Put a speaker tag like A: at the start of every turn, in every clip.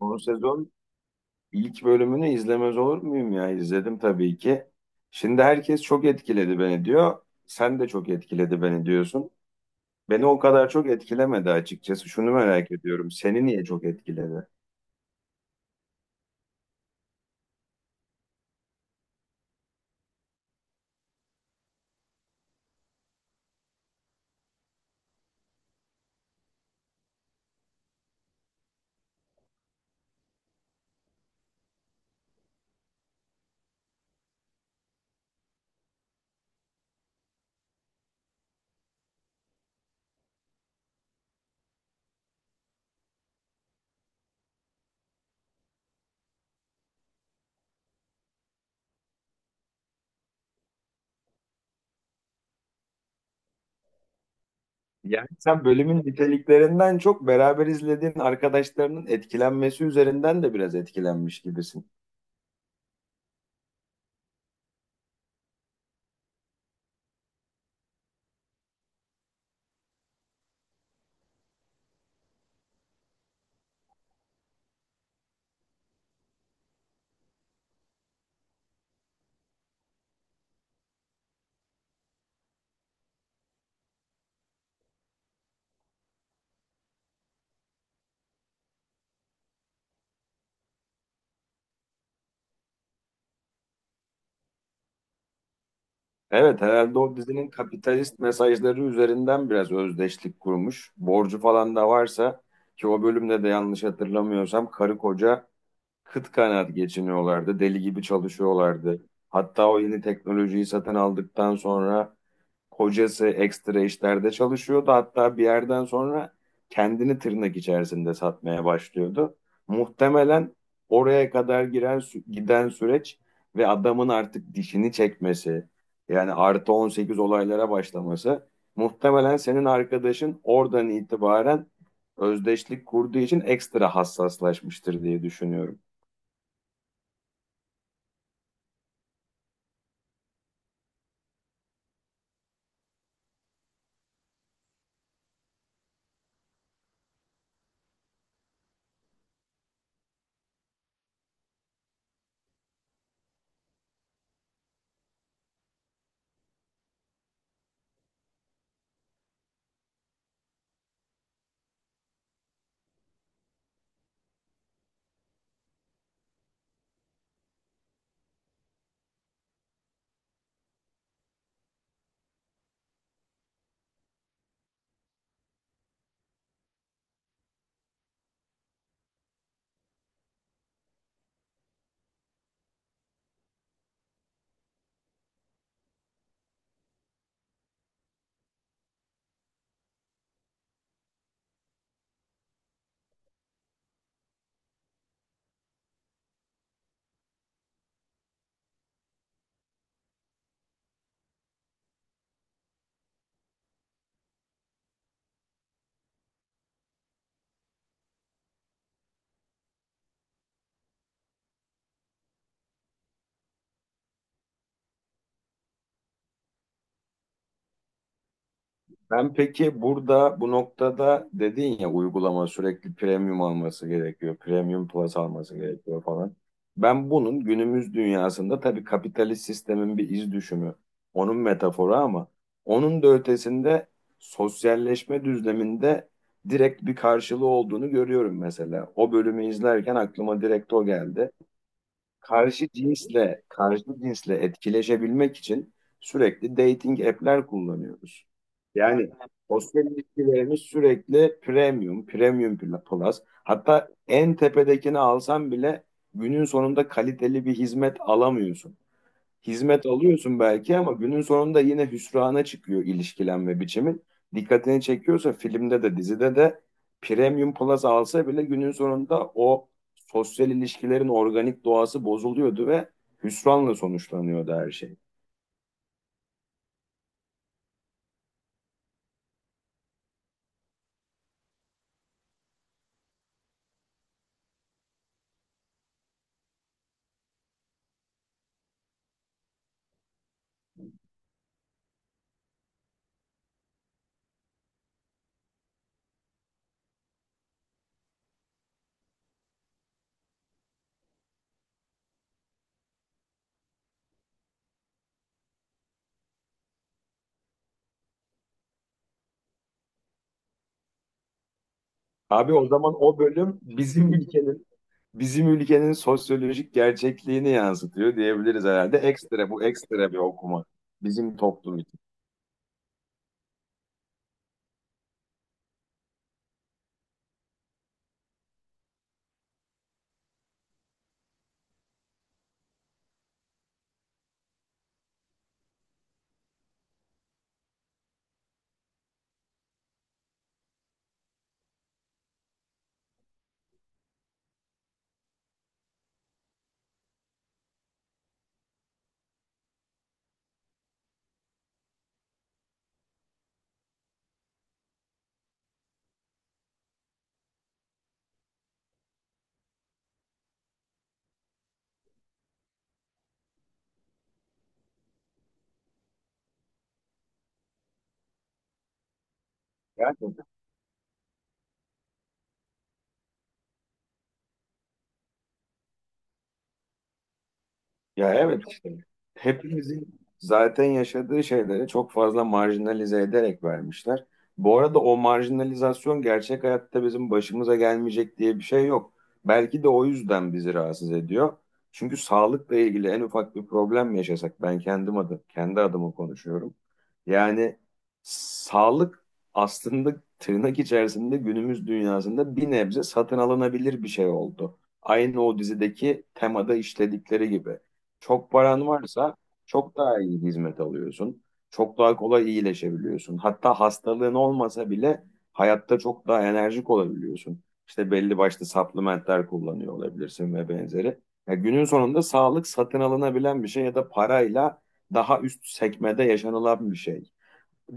A: Bu sezon ilk bölümünü izlemez olur muyum ya? İzledim tabii ki. Şimdi herkes çok etkiledi beni diyor. Sen de çok etkiledi beni diyorsun. Beni o kadar çok etkilemedi açıkçası. Şunu merak ediyorum. Seni niye çok etkiledi? Yani sen bölümün niteliklerinden çok beraber izlediğin arkadaşlarının etkilenmesi üzerinden de biraz etkilenmiş gibisin. Evet, herhalde o dizinin kapitalist mesajları üzerinden biraz özdeşlik kurmuş. Borcu falan da varsa ki o bölümde de yanlış hatırlamıyorsam karı koca kıt kanaat geçiniyorlardı. Deli gibi çalışıyorlardı. Hatta o yeni teknolojiyi satın aldıktan sonra kocası ekstra işlerde çalışıyordu. Hatta bir yerden sonra kendini tırnak içerisinde satmaya başlıyordu. Muhtemelen oraya kadar giden süreç ve adamın artık dişini çekmesi, yani artı 18 olaylara başlaması, muhtemelen senin arkadaşın oradan itibaren özdeşlik kurduğu için ekstra hassaslaşmıştır diye düşünüyorum. Ben peki burada bu noktada dedin ya, uygulama sürekli premium alması gerekiyor, premium plus alması gerekiyor falan. Ben bunun günümüz dünyasında tabii kapitalist sistemin bir iz düşümü, onun metaforu ama onun da ötesinde sosyalleşme düzleminde direkt bir karşılığı olduğunu görüyorum mesela. O bölümü izlerken aklıma direkt o geldi. Karşı cinsle etkileşebilmek için sürekli dating app'ler kullanıyoruz. Yani sosyal ilişkilerimiz sürekli premium, premium plus. Hatta en tepedekini alsan bile günün sonunda kaliteli bir hizmet alamıyorsun. Hizmet alıyorsun belki ama günün sonunda yine hüsrana çıkıyor ilişkilenme biçimin. Dikkatini çekiyorsa, filmde de dizide de Premium Plus alsa bile günün sonunda o sosyal ilişkilerin organik doğası bozuluyordu ve hüsranla sonuçlanıyordu her şey. Abi o zaman o bölüm bizim ülkenin sosyolojik gerçekliğini yansıtıyor diyebiliriz herhalde. Ekstra, ekstra bir okuma bizim toplum için. Gerçekten. Ya evet, işte hepimizin zaten yaşadığı şeyleri çok fazla marjinalize ederek vermişler. Bu arada o marjinalizasyon gerçek hayatta bizim başımıza gelmeyecek diye bir şey yok. Belki de o yüzden bizi rahatsız ediyor. Çünkü sağlıkla ilgili en ufak bir problem yaşasak, ben kendi adıma konuşuyorum. Yani sağlık aslında tırnak içerisinde günümüz dünyasında bir nebze satın alınabilir bir şey oldu. Aynı o dizideki temada işledikleri gibi. Çok paran varsa çok daha iyi hizmet alıyorsun. Çok daha kolay iyileşebiliyorsun. Hatta hastalığın olmasa bile hayatta çok daha enerjik olabiliyorsun. İşte belli başlı supplementler kullanıyor olabilirsin ve benzeri. Ya günün sonunda sağlık satın alınabilen bir şey ya da parayla daha üst sekmede yaşanılan bir şey.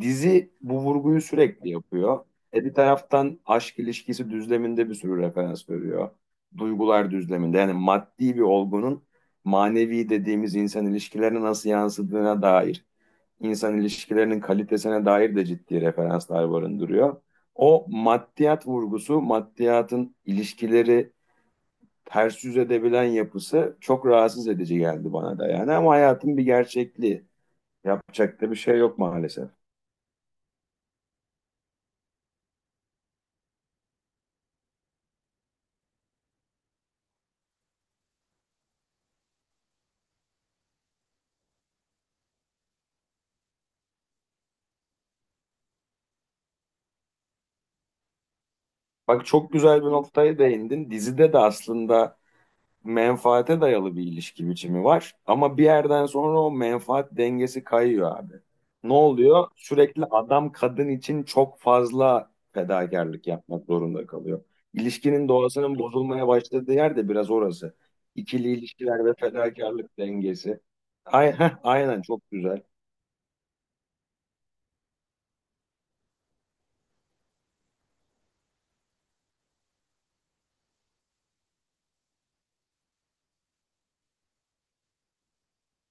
A: Dizi bu vurguyu sürekli yapıyor. E bir taraftan aşk ilişkisi düzleminde bir sürü referans veriyor. Duygular düzleminde, yani maddi bir olgunun manevi dediğimiz insan ilişkilerine nasıl yansıdığına dair, insan ilişkilerinin kalitesine dair de ciddi referanslar barındırıyor. O maddiyat vurgusu, maddiyatın ilişkileri ters yüz edebilen yapısı çok rahatsız edici geldi bana da yani, ama hayatın bir gerçekliği. Yapacak da bir şey yok maalesef. Bak, çok güzel bir noktaya değindin. Dizide de aslında menfaate dayalı bir ilişki biçimi var. Ama bir yerden sonra o menfaat dengesi kayıyor abi. Ne oluyor? Sürekli adam kadın için çok fazla fedakarlık yapmak zorunda kalıyor. İlişkinin doğasının bozulmaya başladığı yer de biraz orası. İkili ilişkiler ve fedakarlık dengesi. Aynen, aynen, çok güzel.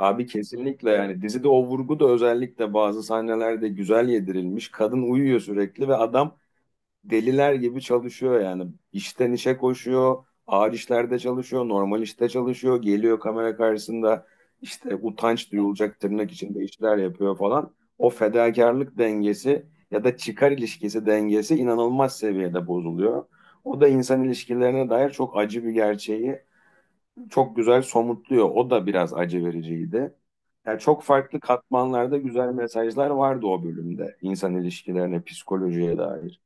A: Abi kesinlikle, yani dizide o vurgu da özellikle bazı sahnelerde güzel yedirilmiş. Kadın uyuyor sürekli ve adam deliler gibi çalışıyor yani. İşten işe koşuyor, ağır işlerde çalışıyor, normal işte çalışıyor, geliyor kamera karşısında işte utanç duyulacak tırnak içinde işler yapıyor falan. O fedakarlık dengesi ya da çıkar ilişkisi dengesi inanılmaz seviyede bozuluyor. O da insan ilişkilerine dair çok acı bir gerçeği çok güzel somutluyor. O da biraz acı vericiydi. Yani çok farklı katmanlarda güzel mesajlar vardı o bölümde. İnsan ilişkilerine, psikolojiye dair.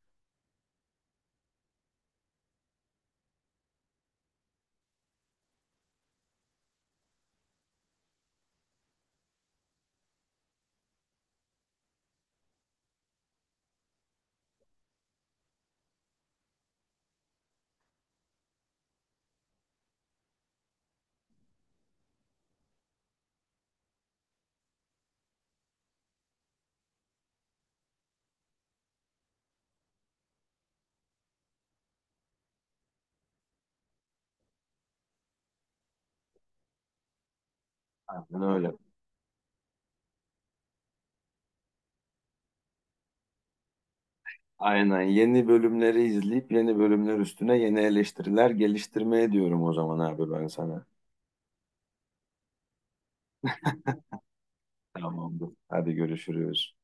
A: Aynen öyle. Aynen, yeni bölümleri izleyip yeni bölümler üstüne yeni eleştiriler geliştirmeye diyorum o zaman abi ben sana. Tamamdır. Hadi görüşürüz.